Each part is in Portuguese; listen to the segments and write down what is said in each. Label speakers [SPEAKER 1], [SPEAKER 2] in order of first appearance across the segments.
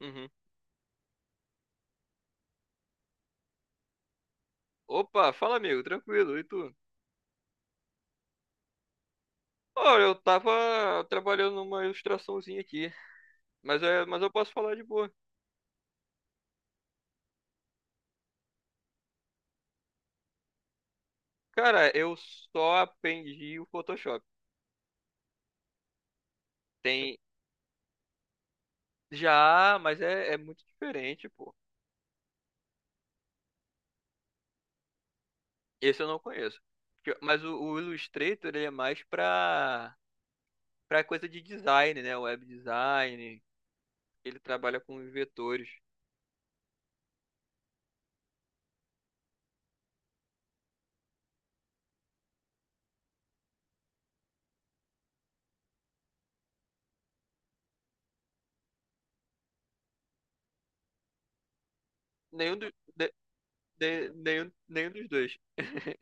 [SPEAKER 1] Uhum. Opa, fala amigo, tranquilo, e tu? Olha, eu tava trabalhando numa ilustraçãozinha aqui, mas, mas eu posso falar de boa. Cara, eu só aprendi o Photoshop. Tem já, mas é muito diferente, pô. Esse eu não conheço. Mas o Illustrator, ele é mais pra coisa de design, né? Web design, ele trabalha com vetores. Nenhum, nenhum dos dois.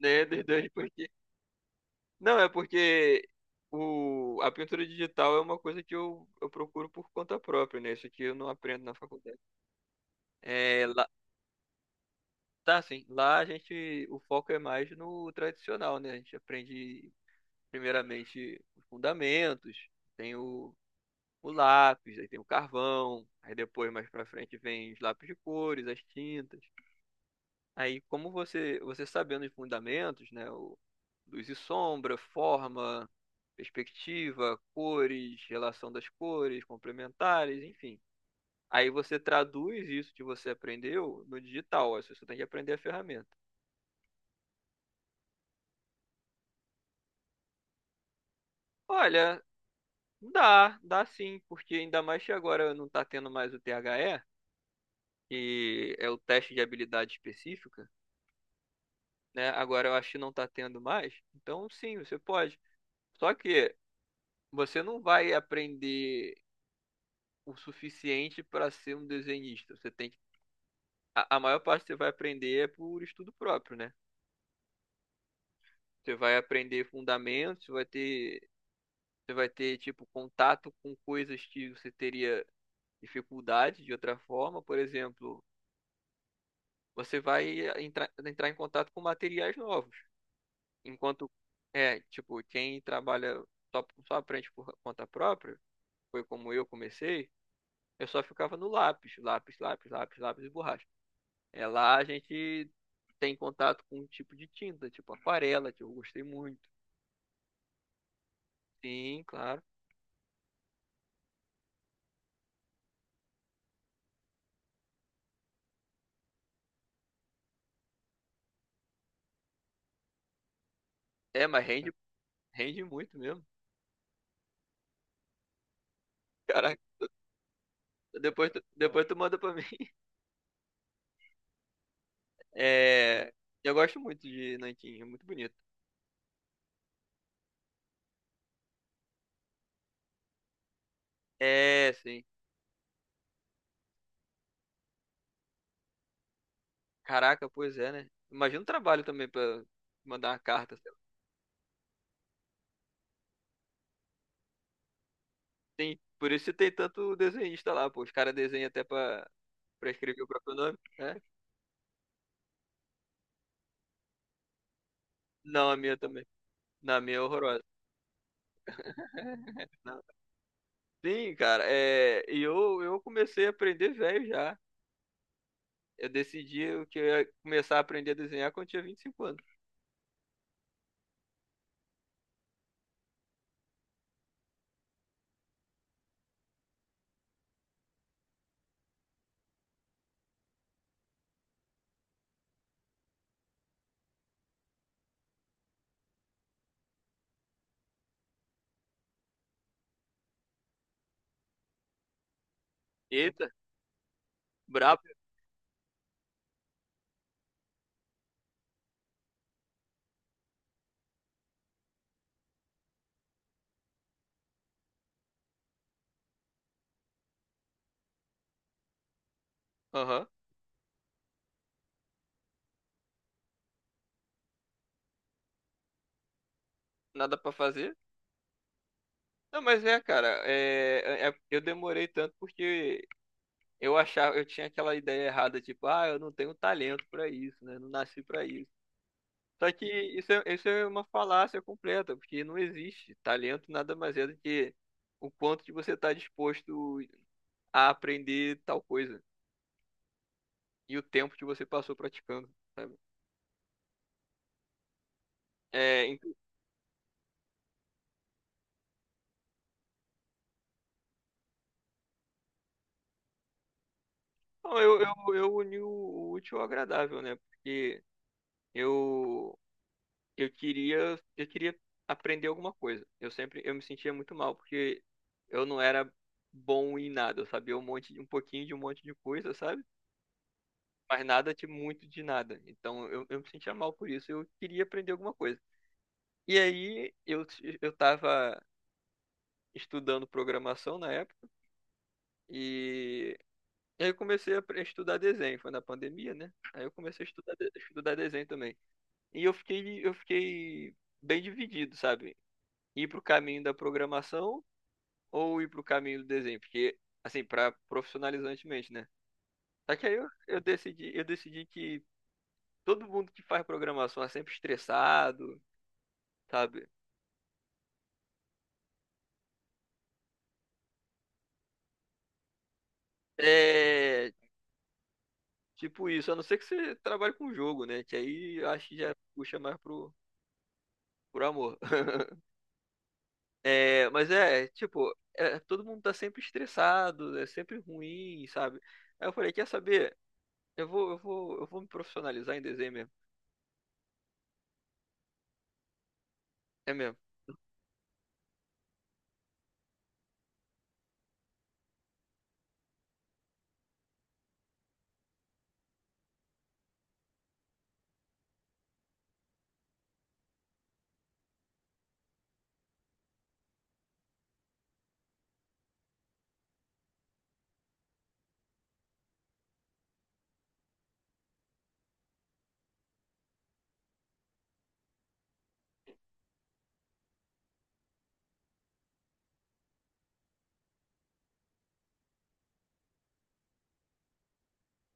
[SPEAKER 1] Nenhum dos dois, porque não, é porque a pintura digital é uma coisa que eu procuro por conta própria, né? Isso aqui eu não aprendo na faculdade. É, lá, tá, assim, lá a gente, o foco é mais no tradicional, né? A gente aprende primeiramente os fundamentos, tem o lápis, aí tem o carvão, aí depois mais pra frente vem os lápis de cores, as tintas. Aí, como você sabendo os fundamentos, né, o, luz e sombra, forma, perspectiva, cores, relação das cores, complementares, enfim. Aí você traduz isso que você aprendeu no digital, ó, você só tem que aprender a ferramenta. Olha, dá, dá sim, porque ainda mais que agora não está tendo mais o T H E, que é o teste de habilidade específica, né? Agora eu acho que não está tendo mais, então sim, você pode. Só que você não vai aprender o suficiente para ser um desenhista. A maior parte que você vai aprender é por estudo próprio, né? Você vai aprender fundamentos, você vai ter tipo contato com coisas que você teria dificuldade de outra forma, por exemplo, você vai entrar em contato com materiais novos. Enquanto é, tipo, quem trabalha só aprende por conta própria, foi como eu comecei, eu só ficava no lápis, lápis, lápis, lápis, lápis e borracha. É lá a gente tem contato com um tipo de tinta, tipo aquarela, que eu gostei muito. Sim, claro. É, mas rende, rende muito mesmo. Caraca, depois tu manda pra mim. É, eu gosto muito de nanquim, é muito bonito. É, sim. Caraca, pois é, né? Imagina o trabalho também pra mandar uma carta. Sei lá. Tem, por isso que tem tanto desenhista lá, pô. Os caras desenham até pra escrever o próprio nome, né? Não, a minha também. Na minha é horrorosa. Sim, cara, é, e eu comecei a aprender velho já. Eu decidi que eu ia começar a aprender a desenhar quando eu tinha 25 anos. Eita, brabo. Aham, nada pra fazer. Não, mas é, cara, é, eu demorei tanto porque eu achava, eu tinha aquela ideia errada, tipo, ah, eu não tenho talento pra isso, né? Não nasci pra isso. Só que isso é uma falácia completa, porque não existe. Talento nada mais é do que o quanto que você tá disposto a aprender tal coisa. E o tempo que você passou praticando, sabe? É, então, eu uni o útil ao agradável, né? Porque eu, eu queria aprender alguma coisa. Eu sempre, eu me sentia muito mal, porque eu não era bom em nada, eu sabia um monte, um pouquinho de um monte de coisa, sabe? Mas nada de muito de nada. Então eu me sentia mal por isso, eu queria aprender alguma coisa. E aí eu tava estudando programação na época, e aí eu comecei a estudar desenho, foi na pandemia, né? Aí eu comecei a estudar desenho também. E eu fiquei bem dividido, sabe? Ir pro caminho da programação ou ir pro caminho do desenho, porque assim, para profissionalizantemente, né? Só que aí eu decidi que todo mundo que faz programação é sempre estressado, sabe? É, tipo isso, a não ser que você trabalhe com jogo, né? Que aí eu acho que já puxa mais pro, pro amor. É, mas é, tipo, é, todo mundo tá sempre estressado, é sempre ruim, sabe? Aí eu falei, quer saber? Eu vou me profissionalizar em desenho mesmo. É mesmo.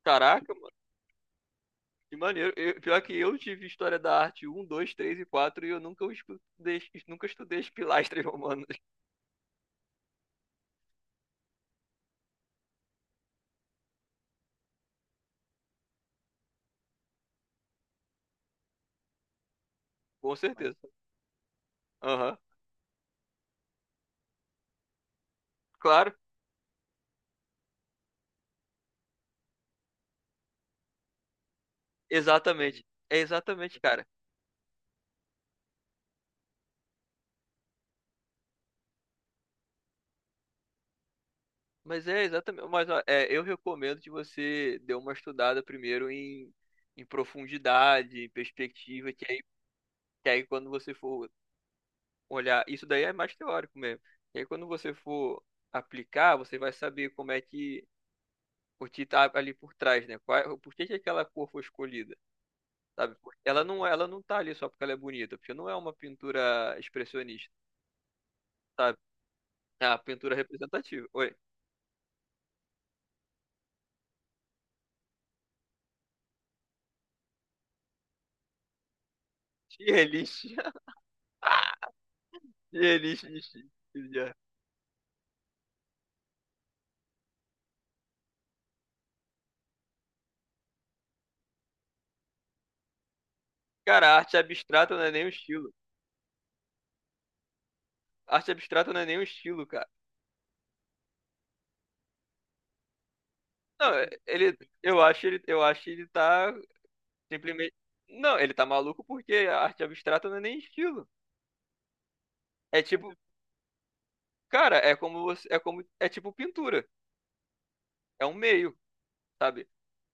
[SPEAKER 1] Caraca, mano, que maneiro. Eu- pior que eu tive história da arte um, 2, 3 e 4 e eu nunca os estudei, nunca estudei as pilastras romanas. Com certeza. Aham. Claro, exatamente. É exatamente, cara. Mas é exatamente. Mas ó, é, eu recomendo que você dê uma estudada primeiro em, em profundidade, em perspectiva, que é. E aí, quando você for olhar, isso daí é mais teórico mesmo. E aí, quando você for aplicar, você vai saber como é que o que tá ali por trás, né? Qual, é, por que que aquela cor foi escolhida, sabe? Ela não tá ali só porque ela é bonita, porque não é uma pintura expressionista, sabe? É uma pintura representativa. Oi. Tier list. Tier list de Tielist. Tielist. Cara, a arte abstrata não é nem um estilo. A arte abstrata não é nem um estilo, cara. Não, é, ele, eu acho ele tá simplesmente. Não, ele tá maluco porque a arte abstrata não é nem estilo. É tipo, cara, é como é tipo pintura. É um meio, sabe?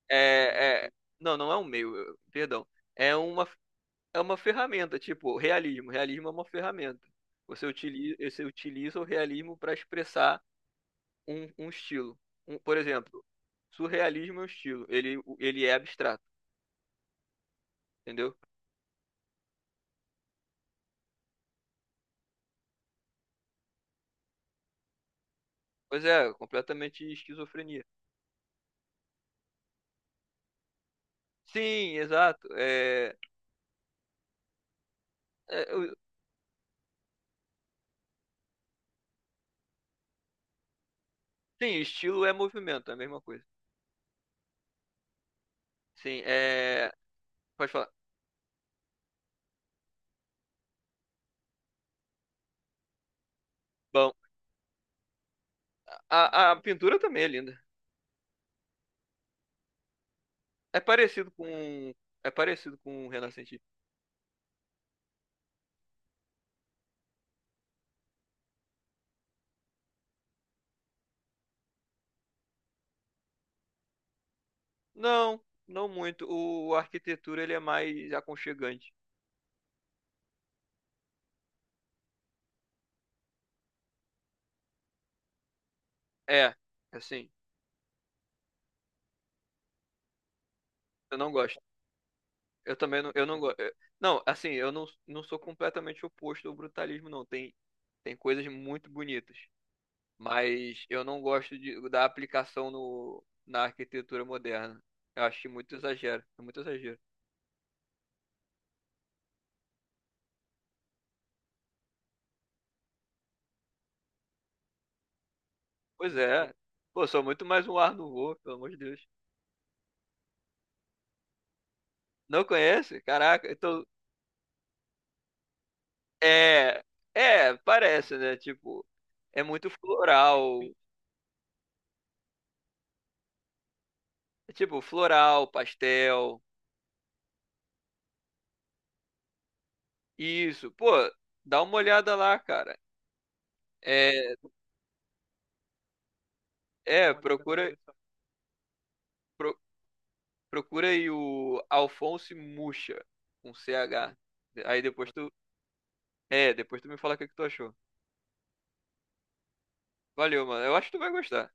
[SPEAKER 1] É, é- não, não é um meio, eu- perdão. É uma é uma ferramenta, tipo, realismo. Realismo é uma ferramenta. Você utiliza o realismo para expressar um estilo. Um- por exemplo, surrealismo é um estilo. Ele é abstrato, entendeu? Pois é, completamente esquizofrenia. Sim, exato. É, é, sim, estilo é movimento, é a mesma coisa. Sim, é. Pode falar. Bom, a pintura também é linda. É parecido com. É parecido com o renascentista. Não, não muito. O, a arquitetura ele é mais aconchegante. É, assim, eu não gosto. Eu também não, eu não gosto. Não, assim, eu não, não sou completamente oposto ao brutalismo, não. Tem, tem coisas muito bonitas. Mas eu não gosto de, da aplicação no, na arquitetura moderna. Eu acho muito exagero. É muito exagero. Pois é. Pô, sou muito mais um ar no voo, pelo amor de Deus. Não conhece? Caraca, então. É. É, parece, né? Tipo, é muito floral. É tipo, floral, pastel. Isso. Pô, dá uma olhada lá, cara. É, é, procura, pro- procura aí o Alphonse Mucha, com C H. Aí depois tu. É, depois tu me fala o que que tu achou. Valeu, mano. Eu acho que tu vai gostar.